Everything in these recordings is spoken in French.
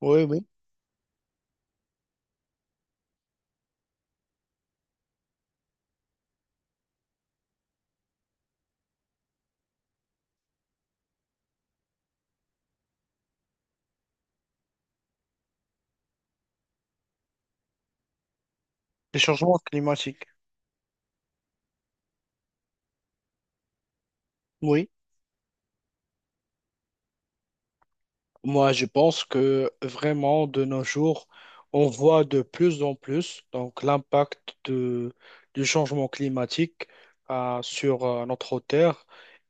Oui, oui. Les changements climatiques. Oui. Moi, je pense que vraiment, de nos jours, on voit de plus en plus l'impact du changement climatique sur notre Terre.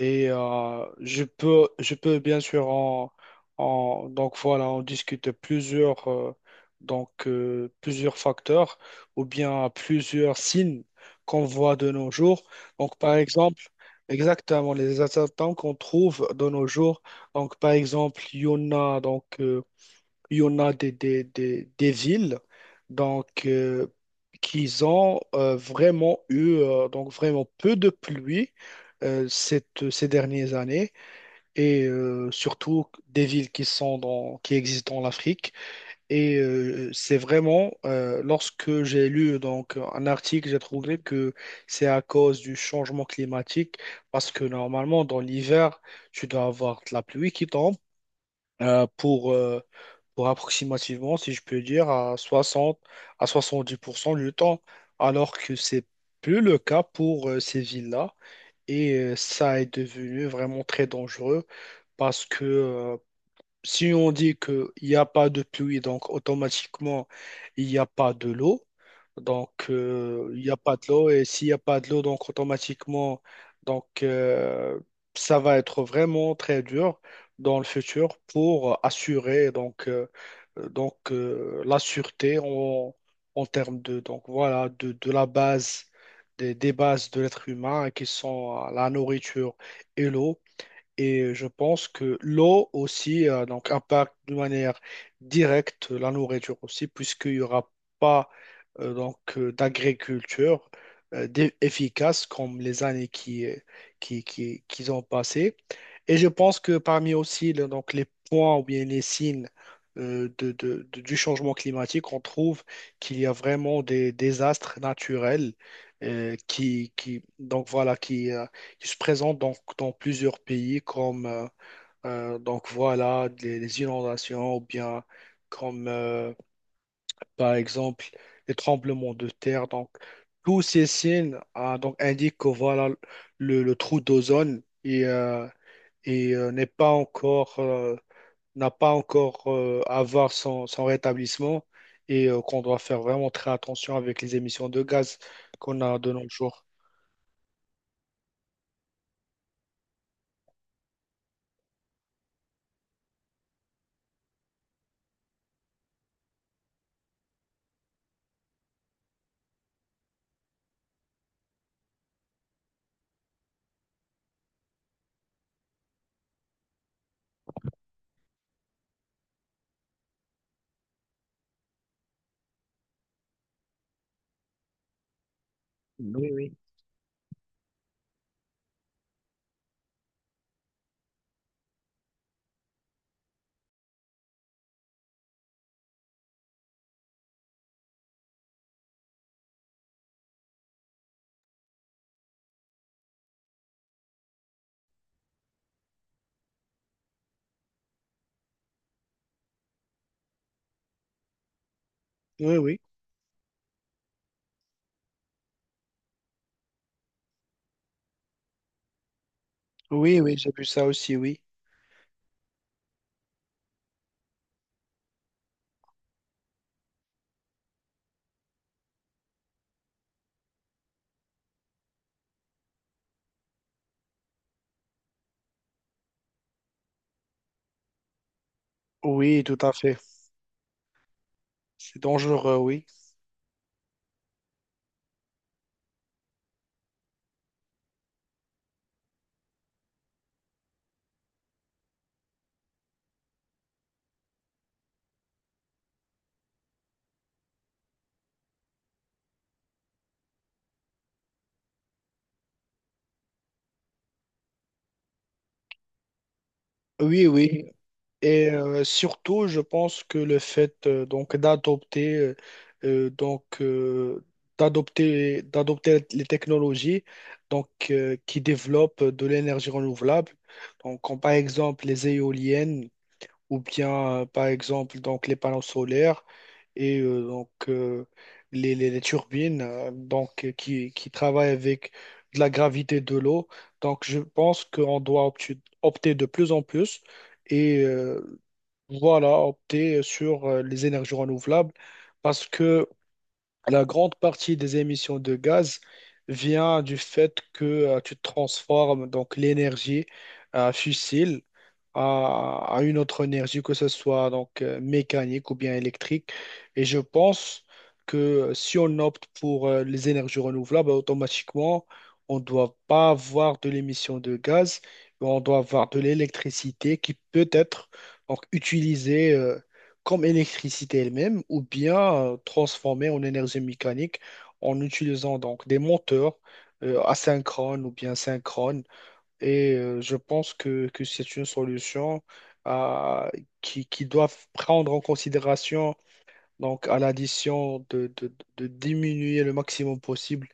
Je peux bien sûr donc voilà, on discute plusieurs plusieurs facteurs ou bien plusieurs signes qu'on voit de nos jours. Donc par exemple, exactement les attentats qu'on trouve de nos jours donc, par exemple, il y en a des, des villes donc, qui ont vraiment eu donc, vraiment peu de pluie ces dernières années surtout des villes qui sont qui existent en Afrique. C'est vraiment, lorsque j'ai lu donc, un article, j'ai trouvé que c'est à cause du changement climatique parce que normalement, dans l'hiver, tu dois avoir de la pluie qui tombe euh, pour, euh, pour approximativement, si je peux dire, à 60 à 70% du temps, alors que c'est plus le cas pour ces villes-là. Ça est devenu vraiment très dangereux parce que, si on dit qu'il n'y a pas de pluie, donc automatiquement, il n'y a pas de l'eau. Donc, il n'y a pas de l'eau. Et s'il n'y a pas de l'eau, donc automatiquement, donc, euh, ça va être vraiment très dur dans le futur pour assurer la sûreté en termes de, donc, voilà, de la base, des bases de l'être humain qui sont la nourriture et l'eau. Et je pense que l'eau aussi donc impacte de manière directe la nourriture aussi, puisqu'il n'y aura pas d'agriculture efficace comme les années qui ont passé. Et je pense que parmi aussi donc, les points ou bien les signes du changement climatique, on trouve qu'il y a vraiment des désastres naturels donc voilà, qui se présentent donc dans plusieurs pays comme donc voilà les inondations ou bien comme par exemple les tremblements de terre. Donc tous ces signes ah, donc indiquent que voilà le trou d'ozone n'est pas encore n'a pas encore à voir son, son rétablissement qu'on doit faire vraiment très attention avec les émissions de gaz qu'on a de nos jours. Oui, oui. Oui, oui, j'ai vu ça aussi, oui. Oui, tout à fait. C'est dangereux, oui. Oui, oui. Surtout, je pense que le fait donc d'adopter euh, donc euh, d'adopter les technologies qui développent de l'énergie renouvelable. Donc, comme par exemple les éoliennes ou bien par exemple donc les panneaux solaires et euh, donc euh, les, les turbines qui travaillent avec de la gravité de l'eau. Donc je pense qu'on doit opter de plus en plus et euh, voilà opter sur les énergies renouvelables parce que la grande partie des émissions de gaz vient du fait que tu transformes donc l'énergie fossile à une autre énergie, que ce soit mécanique ou bien électrique. Et je pense que si on opte pour les énergies renouvelables, automatiquement, on ne doit pas avoir de l'émission de gaz, mais on doit avoir de l'électricité qui peut être donc utilisée, comme électricité elle-même, ou bien transformer en énergie mécanique en utilisant donc des moteurs asynchrones ou bien synchrones. Je pense que c'est une solution euh, qui doit prendre en considération donc, à l'addition de diminuer le maximum possible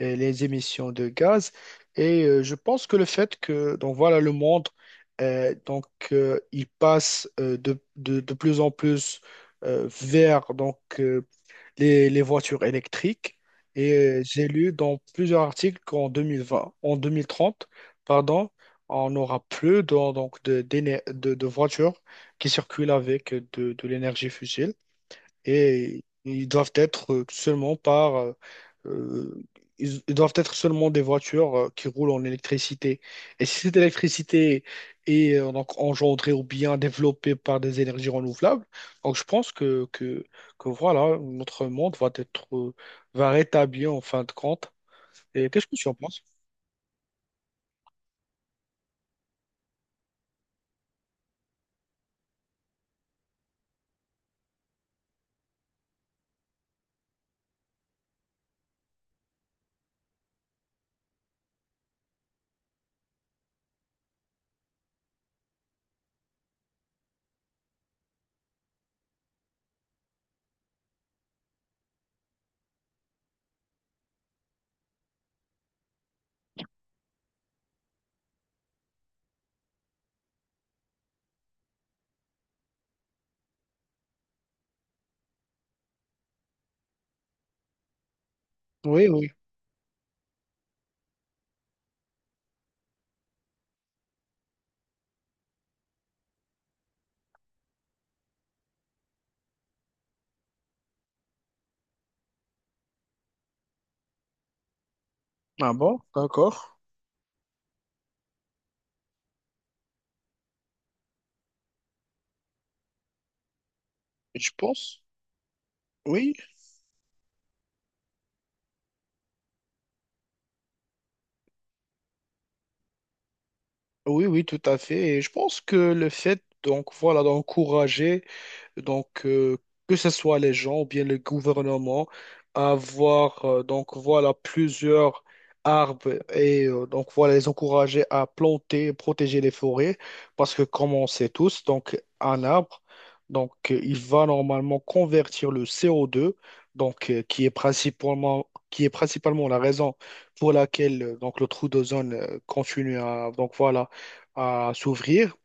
les émissions de gaz. Je pense que le fait que, donc voilà, le monde, euh, donc, il passe de plus en plus vers les voitures électriques. J'ai lu dans plusieurs articles qu'en 2020, en 2030, pardon, on n'aura plus de voitures qui circulent avec de l'énergie fossile et ils doivent être seulement par euh. Ils ils doivent être seulement des voitures qui roulent en électricité. Et si cette électricité est donc engendrée ou bien développée par des énergies renouvelables, donc je pense que voilà, notre monde va être, va rétablir en fin de compte. Et qu'est-ce que tu en penses? Oui, oui. Ah bon, d'accord. Je pense. Oui, oui, oui, tout à fait. Et je pense que le fait, donc voilà, d'encourager donc, que ce soit les gens ou bien le gouvernement, avoir donc voilà plusieurs arbres donc voilà les encourager à planter et protéger les forêts parce que comme on sait tous, donc un arbre, il va normalement convertir le CO2, qui est principalement la raison pour laquelle donc le trou d'ozone continue à donc voilà à s'ouvrir.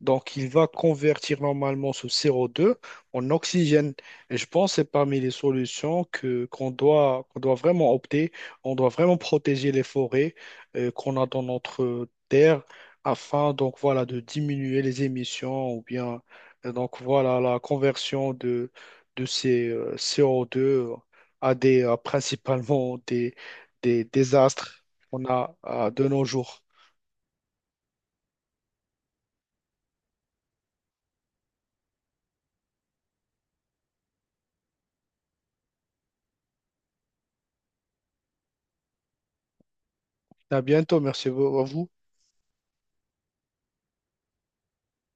Donc, il va convertir normalement ce CO2 en oxygène. Et je pense que c'est parmi les solutions que qu'on doit vraiment opter. On doit vraiment protéger les forêts qu'on a dans notre terre afin donc voilà de diminuer les émissions ou bien donc voilà la conversion de ces CO2 à des à principalement des désastres qu'on a à de nos jours. À bientôt, merci à vous.